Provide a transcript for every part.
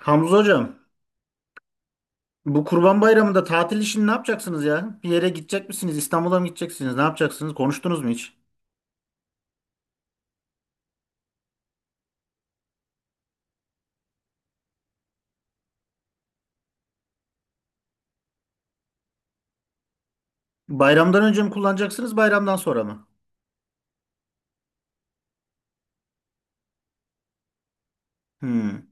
Hamza hocam, bu Kurban Bayramı'nda tatil işini ne yapacaksınız ya? Bir yere gidecek misiniz? İstanbul'a mı gideceksiniz? Ne yapacaksınız? Konuştunuz mu hiç? Bayramdan önce mi kullanacaksınız, bayramdan sonra mı? Hmm.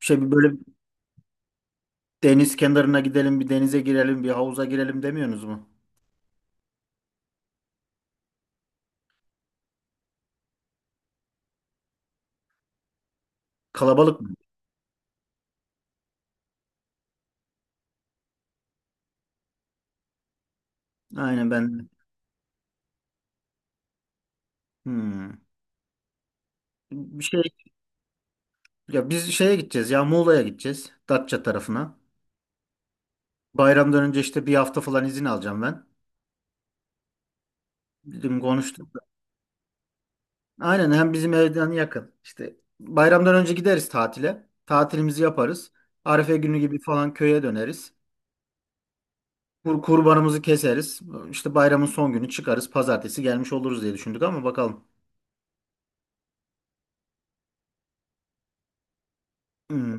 Bir böyle deniz kenarına gidelim, bir denize girelim, bir havuza girelim demiyorsunuz mu? Kalabalık mı? Aynen ben de. Hmm. Bir şey ya biz şeye gideceğiz ya Muğla'ya gideceğiz. Datça tarafına. Bayramdan önce işte bir hafta falan izin alacağım ben. Dedim konuştum. Aynen hem bizim evden yakın. İşte bayramdan önce gideriz tatile. Tatilimizi yaparız. Arife günü gibi falan köye döneriz. Kurbanımızı keseriz. İşte bayramın son günü çıkarız. Pazartesi gelmiş oluruz diye düşündük ama bakalım. Hmm.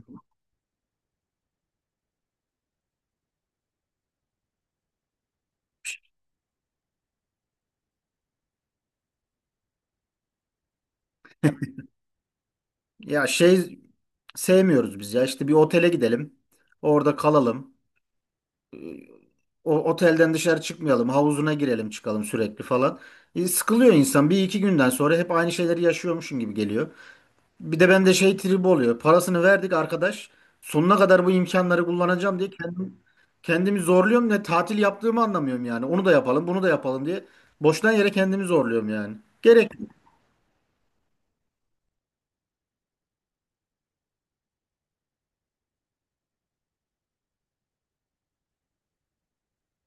Ya sevmiyoruz biz ya. İşte bir otele gidelim. Orada kalalım. O otelden dışarı çıkmayalım. Havuzuna girelim çıkalım sürekli falan. Sıkılıyor insan. Bir iki günden sonra hep aynı şeyleri yaşıyormuşum gibi geliyor. Bir de bende şey tribi oluyor. Parasını verdik arkadaş. Sonuna kadar bu imkanları kullanacağım diye kendimi zorluyorum ve tatil yaptığımı anlamıyorum yani. Onu da yapalım, bunu da yapalım diye. Boştan yere kendimi zorluyorum yani. Gerek.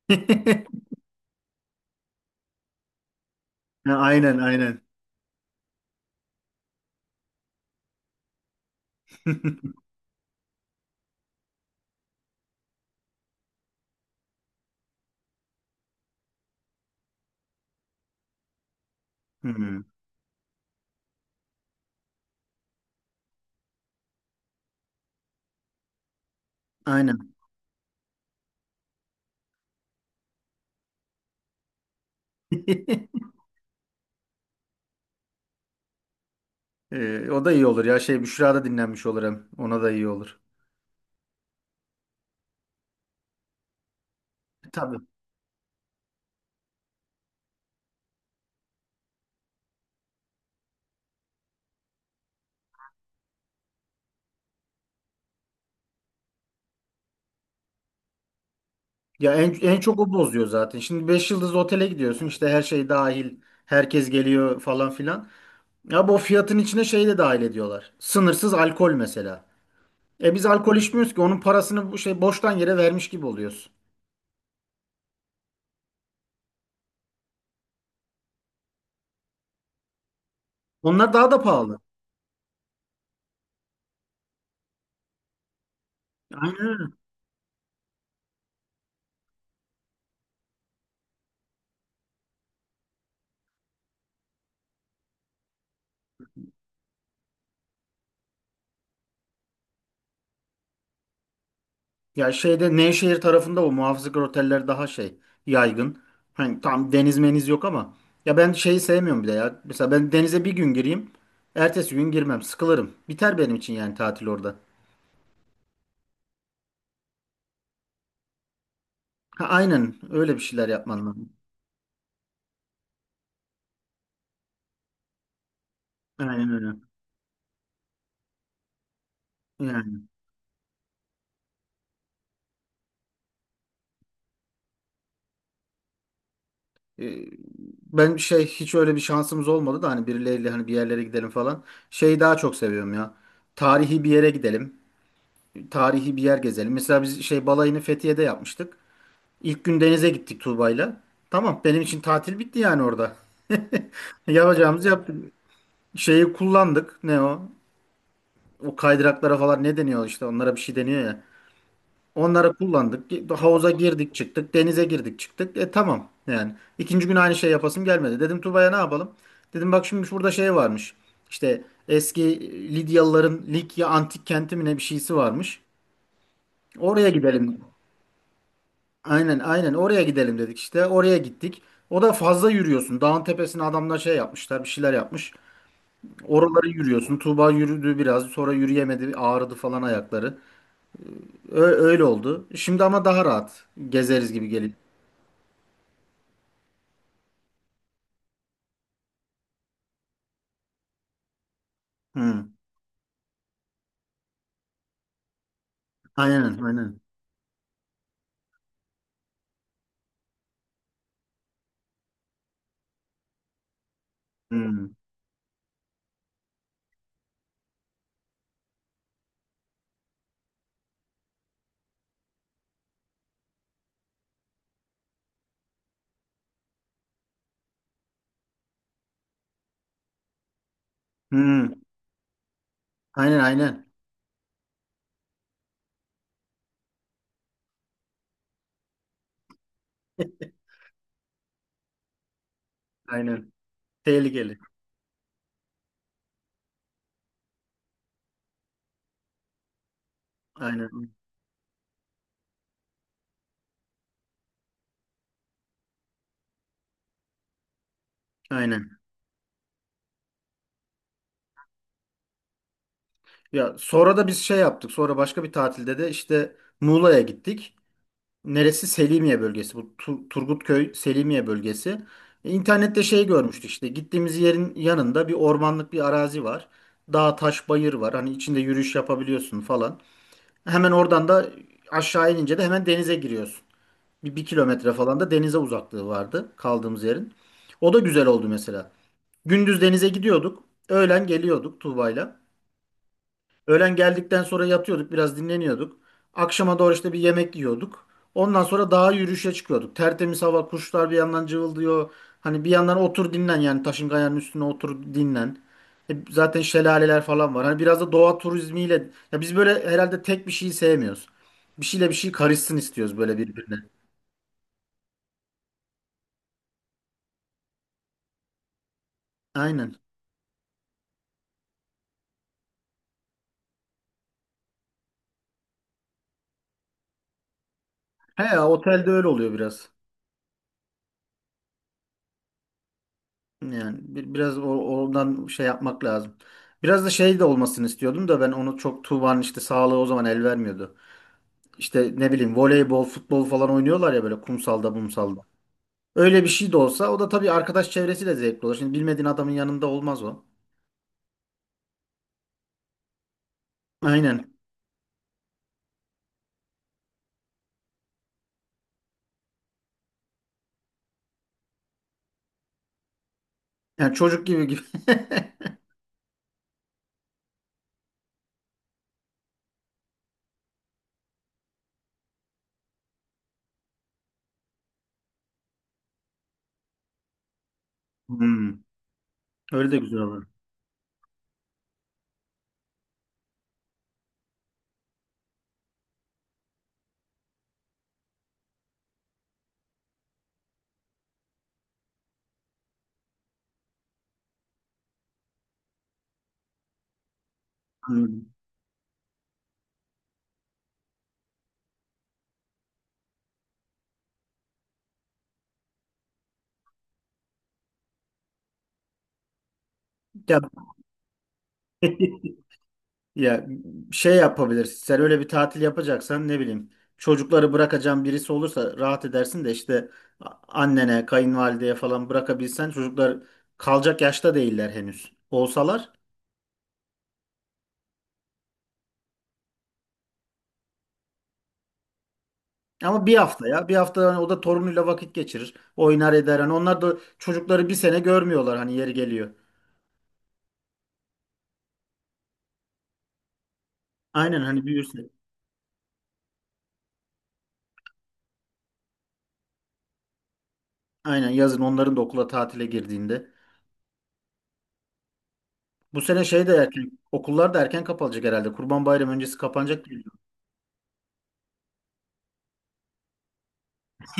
Ha, aynen, aynen. Hmm, aynen. O da iyi olur ya. Büşra da dinlenmiş olur hem. Ona da iyi olur. Tabii. Ya en çok o bozuyor zaten. Şimdi 5 yıldızlı otele gidiyorsun. İşte her şey dahil. Herkes geliyor falan filan. Ya bu fiyatın içine şey de dahil ediyorlar. Sınırsız alkol mesela. E biz alkol içmiyoruz ki onun parasını bu şey boştan yere vermiş gibi oluyoruz. Onlar daha da pahalı. Aynen öyle. Ya şeyde Nevşehir tarafında o muhafızlık oteller daha yaygın. Hani tam deniz meniz yok ama ya ben şeyi sevmiyorum bir de ya. Mesela ben denize bir gün gireyim, ertesi gün girmem, sıkılırım. Biter benim için yani tatil orada. Ha, aynen öyle bir şeyler yapman lazım. Aynen öyle. Yani. E, Ben şey hiç öyle bir şansımız olmadı da hani birileriyle hani bir yerlere gidelim falan. Şeyi daha çok seviyorum ya. Tarihi bir yere gidelim. Tarihi bir yer gezelim. Mesela biz balayını Fethiye'de yapmıştık. İlk gün denize gittik Tuğba'yla. Tamam benim için tatil bitti yani orada. Yapacağımızı yaptık. Şeyi kullandık. Ne o? O kaydıraklara falan ne deniyor işte onlara bir şey deniyor ya. Onları kullandık. Havuza girdik çıktık. Denize girdik çıktık. E tamam yani. İkinci gün aynı şey yapasım gelmedi. Dedim Tuba'ya ne yapalım? Dedim bak şimdi şurada şey varmış. İşte eski Lidyalıların Likya antik kenti mi ne bir şeysi varmış. Oraya gidelim. Aynen aynen oraya gidelim dedik işte. Oraya gittik. O da fazla yürüyorsun. Dağın tepesine adamlar şey yapmışlar bir şeyler yapmış. Oraları yürüyorsun. Tuğba yürüdü biraz sonra yürüyemedi ağrıdı falan ayakları. Ö- öyle oldu. Şimdi ama daha rahat gezeriz gibi geliyor. Hı. Aynen aynen. Hmm. Hmm. Aynen aynen. Aynen. Tehlikeli. Aynen. Aynen. Ya sonra da biz şey yaptık. Sonra başka bir tatilde de işte Muğla'ya gittik. Neresi? Selimiye bölgesi. Bu Turgutköy Selimiye bölgesi. İnternette şey görmüştük işte. Gittiğimiz yerin yanında bir ormanlık bir arazi var. Dağ, taş, bayır var. Hani içinde yürüyüş yapabiliyorsun falan. Hemen oradan da aşağı inince de hemen denize giriyorsun. Bir kilometre falan da denize uzaklığı vardı kaldığımız yerin. O da güzel oldu mesela. Gündüz denize gidiyorduk. Öğlen geliyorduk Tuğba'yla. Öğlen geldikten sonra yatıyorduk biraz dinleniyorduk. Akşama doğru işte bir yemek yiyorduk. Ondan sonra dağa yürüyüşe çıkıyorduk. Tertemiz hava, kuşlar bir yandan cıvıldıyor. Hani bir yandan otur dinlen yani taşın kayanın üstüne otur dinlen. Zaten şelaleler falan var. Hani biraz da doğa turizmiyle ya biz böyle herhalde tek bir şeyi sevmiyoruz. Bir şeyle bir şey karışsın istiyoruz böyle birbirine. Aynen. He, otelde öyle oluyor biraz. Yani biraz oradan şey yapmak lazım. Biraz da şey de olmasını istiyordum da ben onu çok Tuğba'nın işte sağlığı o zaman el vermiyordu. İşte ne bileyim voleybol, futbol falan oynuyorlar ya böyle kumsalda, mumsalda. Öyle bir şey de olsa o da tabii arkadaş çevresiyle zevkli olur. Şimdi bilmediğin adamın yanında olmaz o. Aynen. Yani çocuk gibi gibi. Hmm. Öyle de güzel olur. Hmm. Ya Ya şey yapabilirsin. Sen öyle bir tatil yapacaksan ne bileyim çocukları bırakacağın birisi olursa rahat edersin de işte annene, kayınvalideye falan bırakabilsen çocuklar kalacak yaşta değiller henüz. Olsalar ama bir hafta ya bir hafta hani o da torunuyla vakit geçirir. Oynar eder. Hani onlar da çocukları bir sene görmüyorlar hani yeri geliyor. Aynen hani büyürse. Aynen yazın onların da okula tatile girdiğinde. Bu sene de erken okullar da erken kapanacak herhalde. Kurban Bayramı öncesi kapanacak diye biliyorum.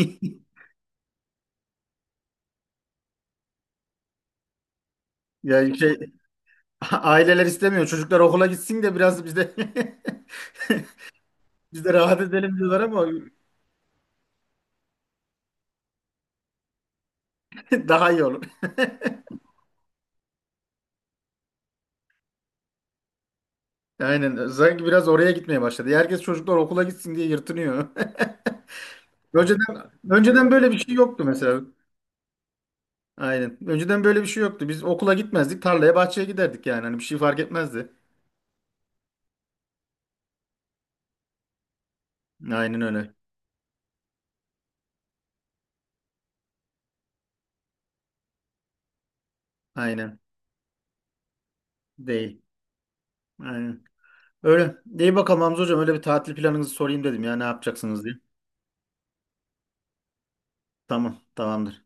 Ya Aileler istemiyor. Çocuklar okula gitsin de biraz biz de biz de rahat edelim diyorlar ama daha iyi olur. Aynen. Sanki biraz oraya gitmeye başladı. Herkes çocuklar okula gitsin diye yırtınıyor. Önceden böyle bir şey yoktu mesela. Aynen. Önceden böyle bir şey yoktu. Biz okula gitmezdik. Tarlaya, bahçeye giderdik yani. Hani bir şey fark etmezdi. Aynen öyle. Aynen. Değil. Aynen. Öyle. İyi bakalım Hamza hocam. Öyle bir tatil planınızı sorayım dedim ya. Ne yapacaksınız diye. Tamam. Tamamdır.